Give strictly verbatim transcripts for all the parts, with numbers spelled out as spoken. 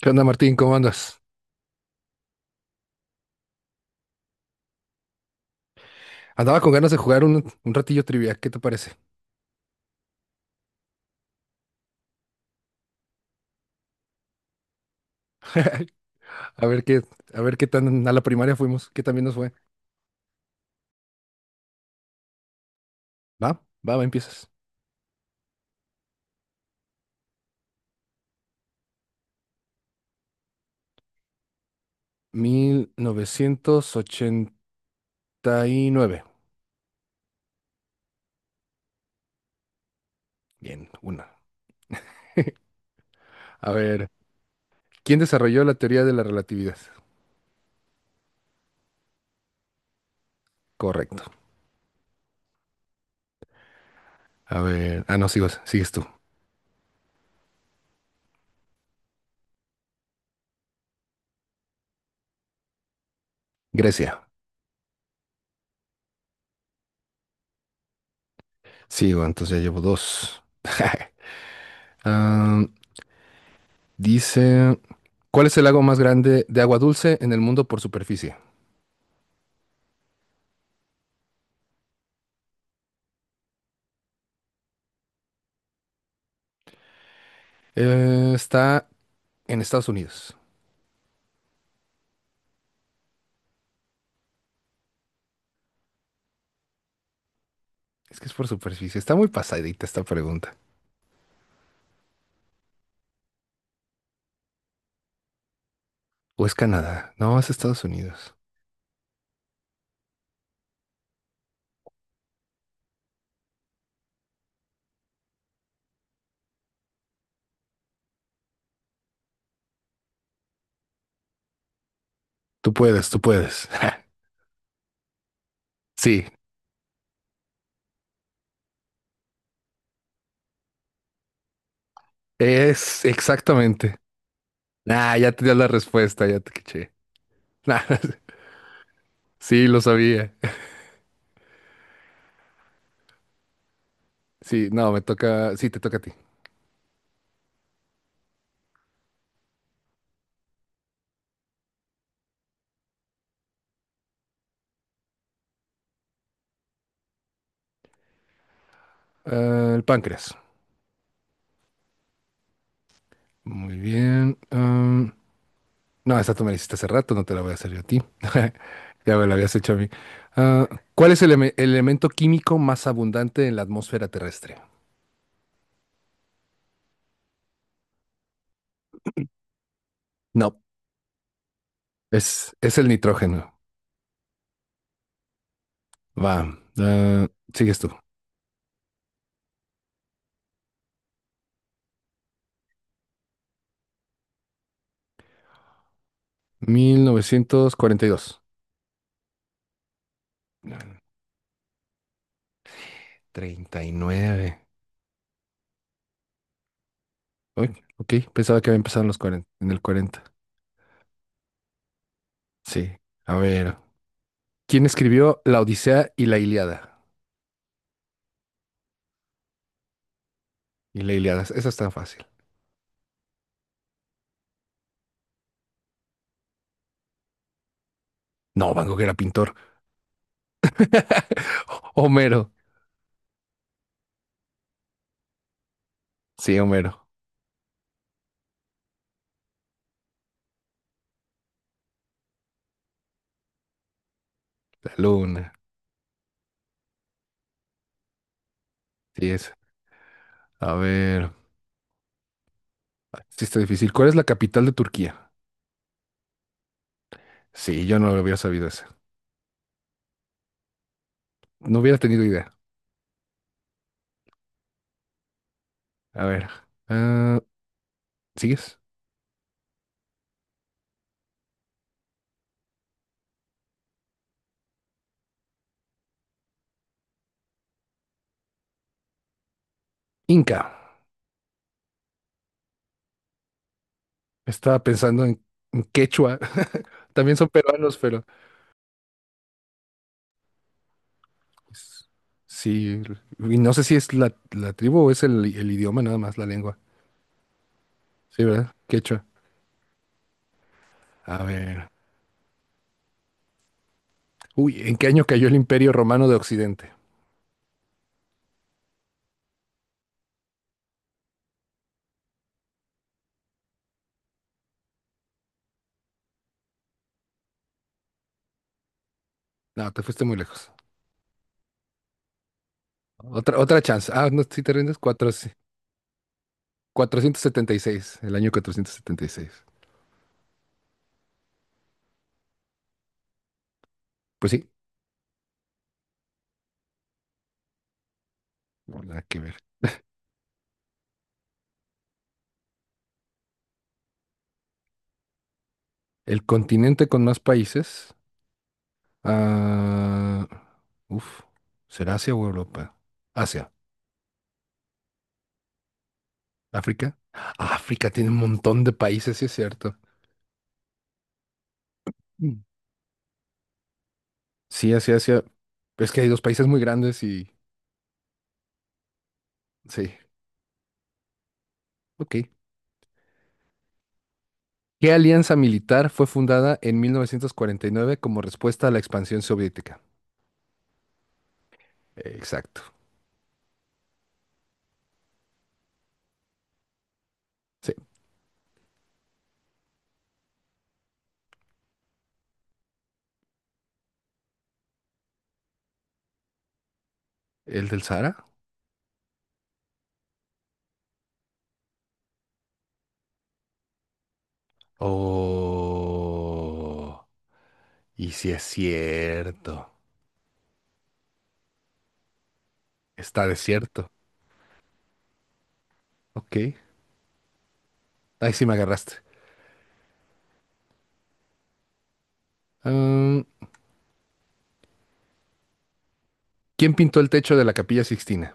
¿Qué onda, Martín? ¿Cómo andas? Andaba con ganas de jugar un, un ratillo trivia. ¿Qué te parece? A ver qué, a ver qué tan a la primaria fuimos, qué también nos fue. Va, va, va, empiezas. Mil novecientos ochenta y nueve. Bien, una. A ver, ¿quién desarrolló la teoría de la relatividad? Correcto. A ver, ah, no, sigo, sigues tú. Grecia. Sigo, entonces ya llevo dos. Ah, dice, ¿cuál es el lago más grande de agua dulce en el mundo por superficie? Eh, está en Estados Unidos. Es que es por superficie. Está muy pasadita esta pregunta. ¿O es Canadá? No, es Estados Unidos. Tú puedes, tú puedes. Sí, es exactamente. Nah, ya te dio la respuesta, ya te caché. Nah, sí, lo sabía. Sí, no, me toca. Sí, te toca a ti. Ah, el páncreas. Muy bien. Ah, no, esta tú me la hiciste hace rato, no te la voy a hacer yo a ti. Ya me la habías hecho a mí. Ah, ¿cuál es el, eme- el elemento químico más abundante en la atmósfera terrestre? No, Es, es el nitrógeno. Va. ah, sigues tú. mil novecientos cuarenta y dos. treinta y nueve. Uy, ok, pensaba que había empezado en los cuarenta, en el cuarenta. Sí. A ver. ¿Quién escribió La Odisea y la Ilíada? Y la Ilíada, esa es tan fácil. No, Van Gogh era pintor. Homero. Sí, Homero. La luna. Sí, es. A ver. Sí, está difícil. ¿Cuál es la capital de Turquía? Sí, yo no lo hubiera sabido esa. No hubiera tenido idea. A ver. ah, ¿sigues? Inca. Estaba pensando en, en quechua. También son peruanos, pero pues, sí. Y no sé si es la, la tribu o es el, el idioma nada más, la lengua. Sí, ¿verdad? Quechua. A ver. Uy, ¿en qué año cayó el Imperio Romano de Occidente? No, te fuiste muy lejos. Otra, otra chance. Ah, no, si te rindes, Cuatro- sí. Cuatrocientos setenta y seis, el año cuatrocientos setenta y seis. Pues sí, no nada que ver. El continente con más países. Ah, uf, ¿será Asia o Europa? Asia. ¿África? África tiene un montón de países, sí es cierto. Mm. Sí, Asia, Asia. Es que hay dos países muy grandes y... Sí, ok. ¿Qué alianza militar fue fundada en mil novecientos cuarenta y nueve como respuesta a la expansión soviética? Exacto. Sí. ¿El del Sahara? Oh. Y sí es cierto. Está desierto. Ok. Ahí sí me agarraste. Mm, ¿quién pintó el techo de la Capilla Sixtina?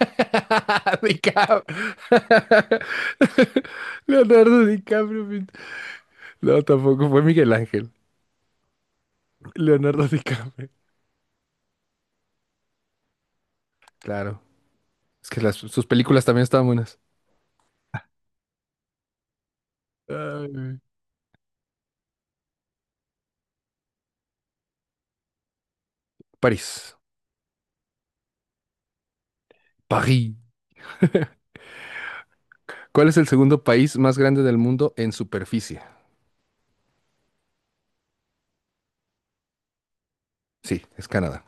DiCap- Leonardo DiCaprio. mi- No, tampoco fue Miguel Ángel. Leonardo DiCaprio. Claro. Es que las- sus películas también estaban buenas. Ay, güey. París. París. ¿Cuál es el segundo país más grande del mundo en superficie? Sí, es Canadá.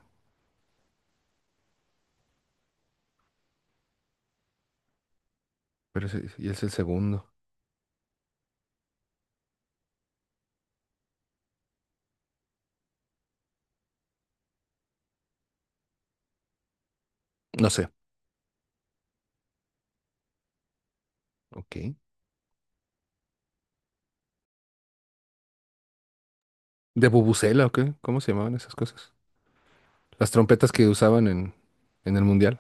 Pero es, y es el segundo. No sé. Ok. ¿De bubucela o qué? ¿Cómo se llamaban esas cosas? Las trompetas que usaban en, en el mundial.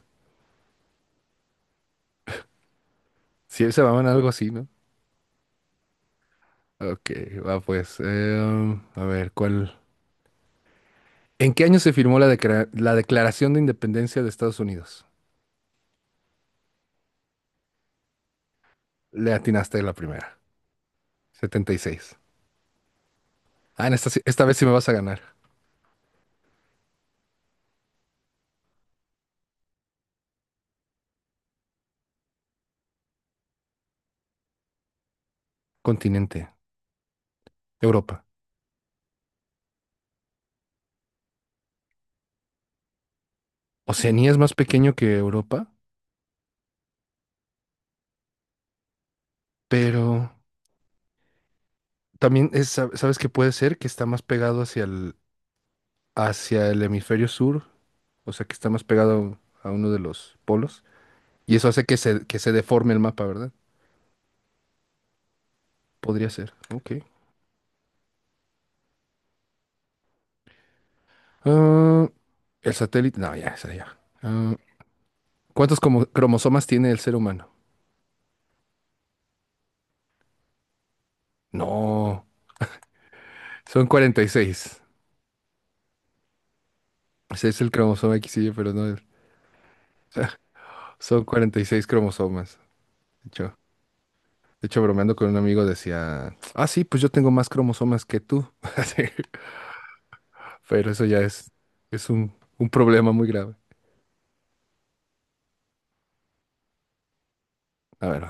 Sí, se llamaban algo así, ¿no? Ok, va pues. eh, a ver, ¿cuál? ¿En qué año se firmó la, decra- la Declaración de Independencia de Estados Unidos? Le atinaste la primera. Setenta y seis. Ah, en esta, sí- esta vez sí me vas a ganar. Continente, Europa. Oceanía es más pequeño que Europa, pero también es, sab- sabes que puede ser que está más pegado hacia el, hacia el hemisferio sur, o sea que está más pegado a uno de los polos, y eso hace que se, que se deforme el mapa, ¿verdad? Podría ser. Ok. Ah, el satélite. No, ya, esa ya. Ah, ¿cuántos como- cromosomas tiene el ser humano? No, son cuarenta y seis. Ese es el cromosoma X Y, pero no es. Son cuarenta y seis cromosomas. De hecho, de hecho, bromeando con un amigo decía, ah, sí, pues yo tengo más cromosomas que tú. Así, pero eso ya es, es un, un problema muy grave. A ver,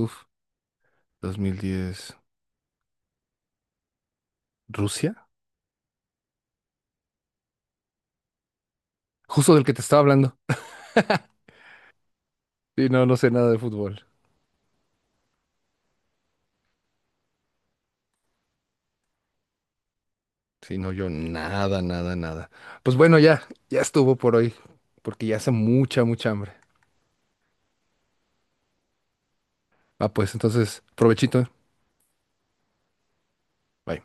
uf, dos mil diez, ¿Rusia? Justo del que te estaba hablando. Y no, no sé nada de fútbol. Sí, no, yo nada, nada, nada. Pues bueno, ya, ya estuvo por hoy, porque ya hace mucha, mucha hambre. Ah, pues entonces, provechito. Bye.